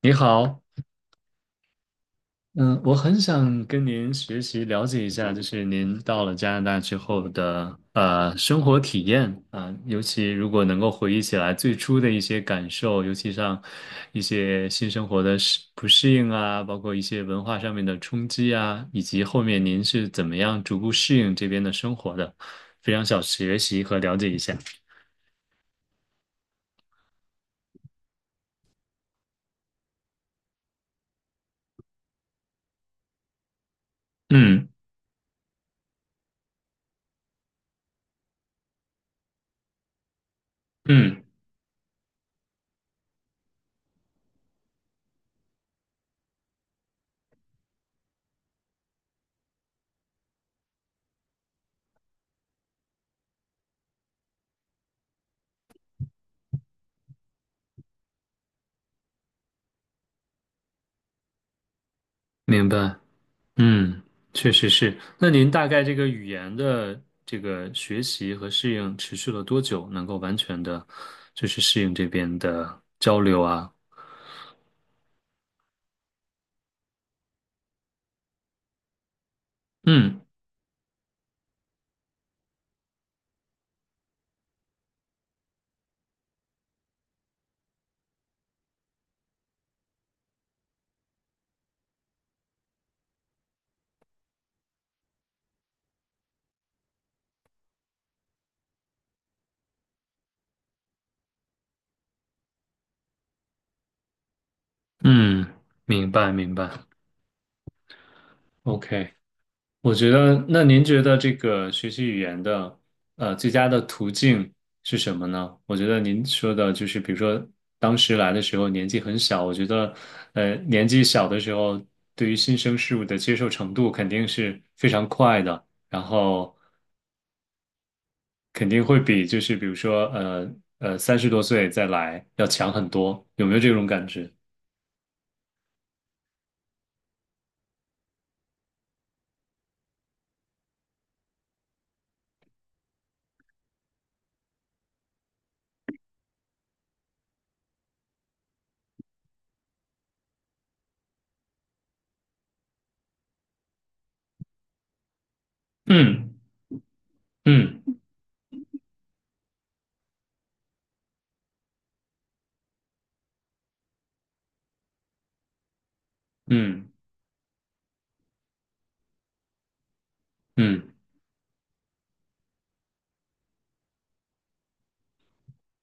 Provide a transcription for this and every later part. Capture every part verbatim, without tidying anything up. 你好，嗯，我很想跟您学习了解一下，就是您到了加拿大之后的呃生活体验啊，尤其如果能够回忆起来最初的一些感受，尤其像一些新生活的适不适应啊，包括一些文化上面的冲击啊，以及后面您是怎么样逐步适应这边的生活的，非常想学习和了解一下。嗯嗯，明白。嗯，确实是。那您大概这个语言的这个学习和适应持续了多久，能够完全的，就是适应这边的交流啊？嗯嗯，明白明白。OK。我觉得，那您觉得这个学习语言的，呃，最佳的途径是什么呢？我觉得您说的就是，比如说当时来的时候年纪很小，我觉得，呃，年纪小的时候，对于新生事物的接受程度肯定是非常快的，然后肯定会比就是比如说，呃呃，三十多岁再来要强很多，有没有这种感觉？嗯嗯嗯嗯。嗯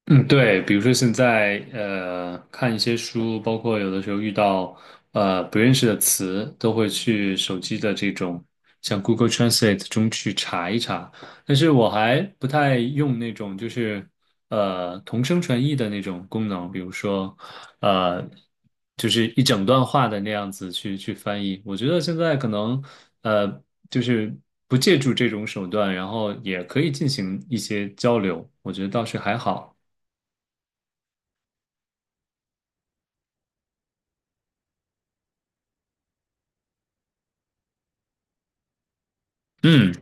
嗯，对，比如说现在呃，看一些书，包括有的时候遇到呃不认识的词，都会去手机的这种像 Google Translate 中去查一查。但是我还不太用那种就是呃同声传译的那种功能，比如说呃就是一整段话的那样子去去翻译。我觉得现在可能呃就是不借助这种手段，然后也可以进行一些交流，我觉得倒是还好。嗯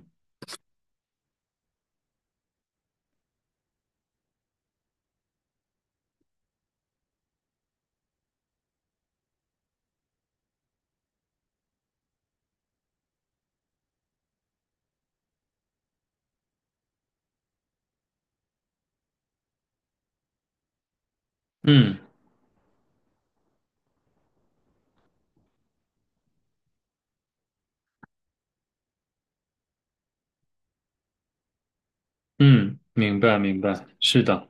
嗯嗯，明白明白，是的，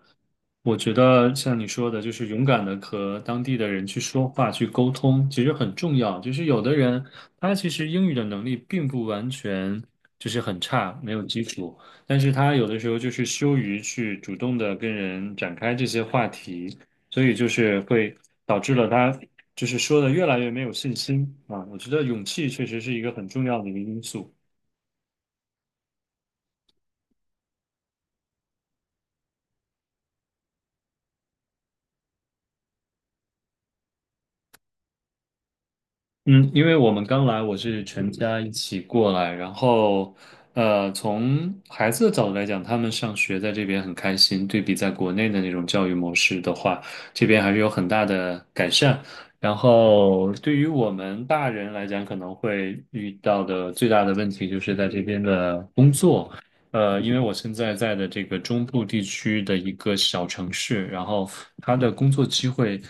我觉得像你说的，就是勇敢的和当地的人去说话、去沟通，其实很重要。就是有的人他其实英语的能力并不完全就是很差，没有基础，但是他有的时候就是羞于去主动的跟人展开这些话题，所以就是会导致了他就是说的越来越没有信心啊。我觉得勇气确实是一个很重要的一个因素。嗯，因为我们刚来，我是全家一起过来，然后，呃，从孩子的角度来讲，他们上学在这边很开心，对比在国内的那种教育模式的话，这边还是有很大的改善。然后，对于我们大人来讲，可能会遇到的最大的问题就是在这边的工作。呃，因为我现在在的这个中部地区的一个小城市，然后它的工作机会，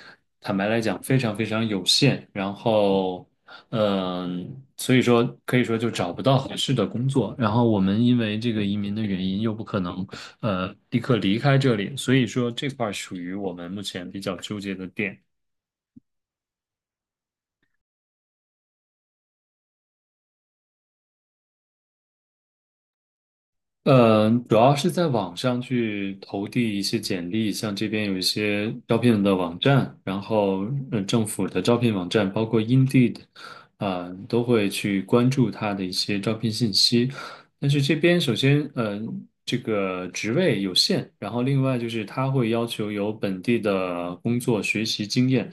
坦白来讲非常非常有限，然后，嗯、所以说可以说就找不到合适的工作。然后我们因为这个移民的原因，又不可能呃立刻离开这里，所以说这块儿属于我们目前比较纠结的点。呃，主要是在网上去投递一些简历，像这边有一些招聘的网站，然后呃政府的招聘网站，包括 Indeed，啊、都会去关注它的一些招聘信息。但是这边首先，呃，这个职位有限，然后另外就是它会要求有本地的工作学习经验，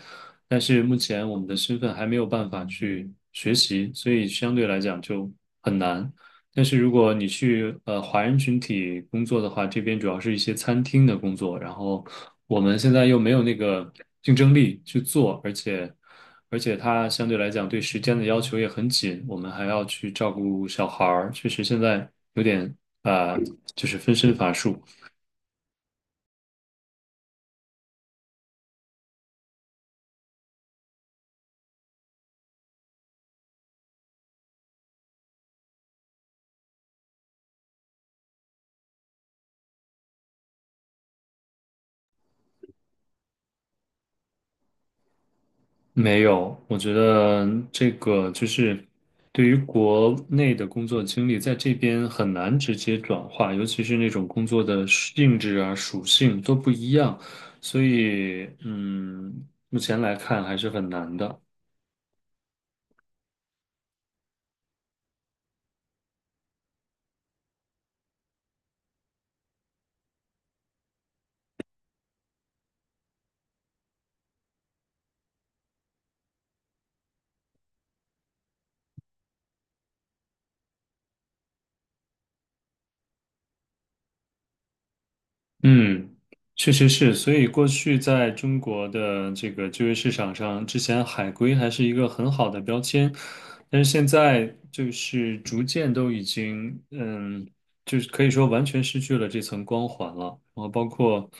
但是目前我们的身份还没有办法去学习，所以相对来讲就很难。但是如果你去呃华人群体工作的话，这边主要是一些餐厅的工作，然后我们现在又没有那个竞争力去做，而且而且它相对来讲对时间的要求也很紧，我们还要去照顾小孩儿，确实现在有点啊、呃就是分身乏术。没有，我觉得这个就是对于国内的工作经历，在这边很难直接转化，尤其是那种工作的性质啊、属性都不一样，所以嗯，目前来看还是很难的。嗯，确实是，所以过去在中国的这个就业市场上，之前海归还是一个很好的标签，但是现在就是逐渐都已经，嗯，就是可以说完全失去了这层光环了。然后包括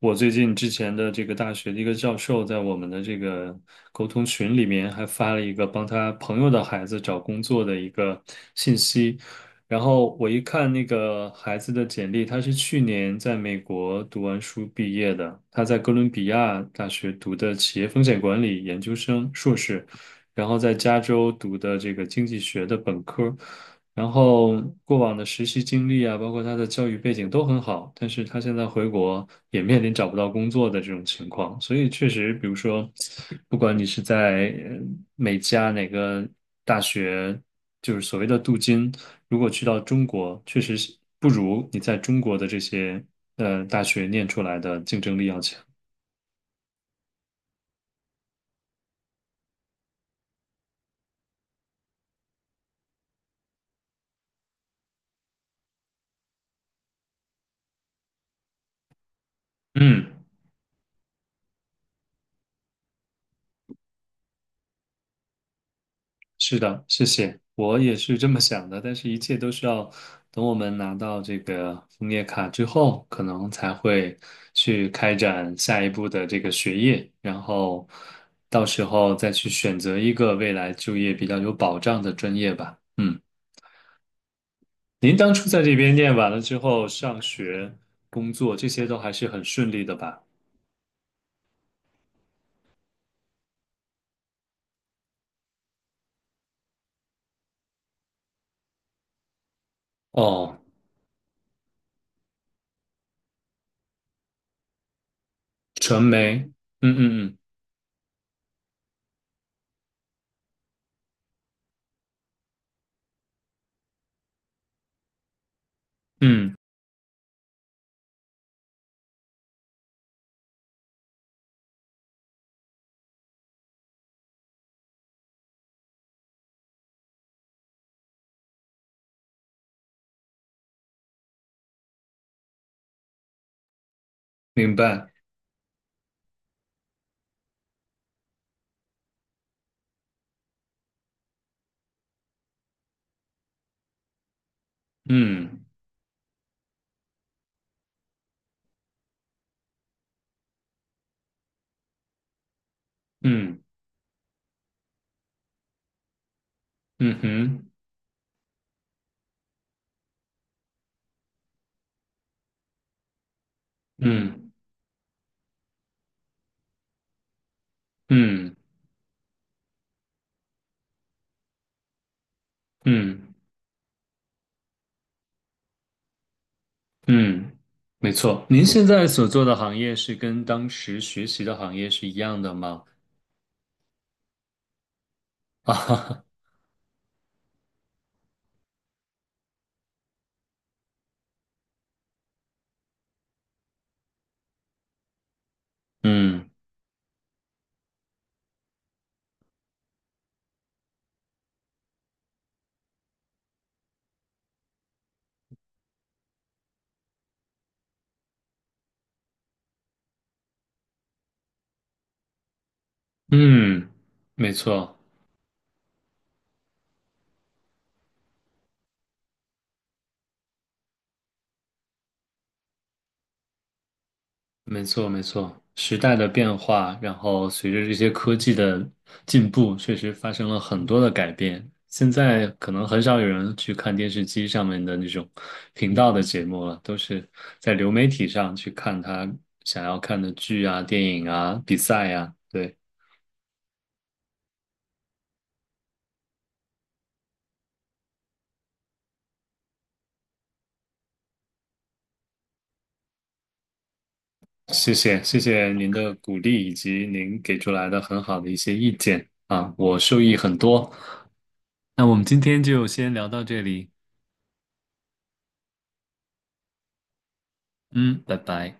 我最近之前的这个大学的一个教授，在我们的这个沟通群里面还发了一个帮他朋友的孩子找工作的一个信息。然后我一看那个孩子的简历，他是去年在美国读完书毕业的，他在哥伦比亚大学读的企业风险管理研究生硕士，然后在加州读的这个经济学的本科，然后过往的实习经历啊，包括他的教育背景都很好，但是他现在回国也面临找不到工作的这种情况，所以确实，比如说，不管你是在呃美加哪个大学。就是所谓的镀金，如果去到中国，确实是不如你在中国的这些呃大学念出来的竞争力要强。嗯，是的，谢谢，我也是这么想的，但是一切都是要等我们拿到这个枫叶卡之后，可能才会去开展下一步的这个学业，然后到时候再去选择一个未来就业比较有保障的专业吧。嗯，您当初在这边念完了之后，上学、工作这些都还是很顺利的吧？哦，传媒，嗯嗯嗯嗯，明白，嗯嗯嗯哼，嗯嗯嗯嗯，没错。您现在所做的行业是跟当时学习的行业是一样的吗？啊哈哈，嗯嗯，没错。没错，没错，时代的变化，然后随着这些科技的进步，确实发生了很多的改变。现在可能很少有人去看电视机上面的那种频道的节目了，都是在流媒体上去看他想要看的剧啊、电影啊、比赛呀。对，谢谢，谢谢您的鼓励以及您给出来的很好的一些意见啊，我受益很多。那我们今天就先聊到这里，嗯，拜拜。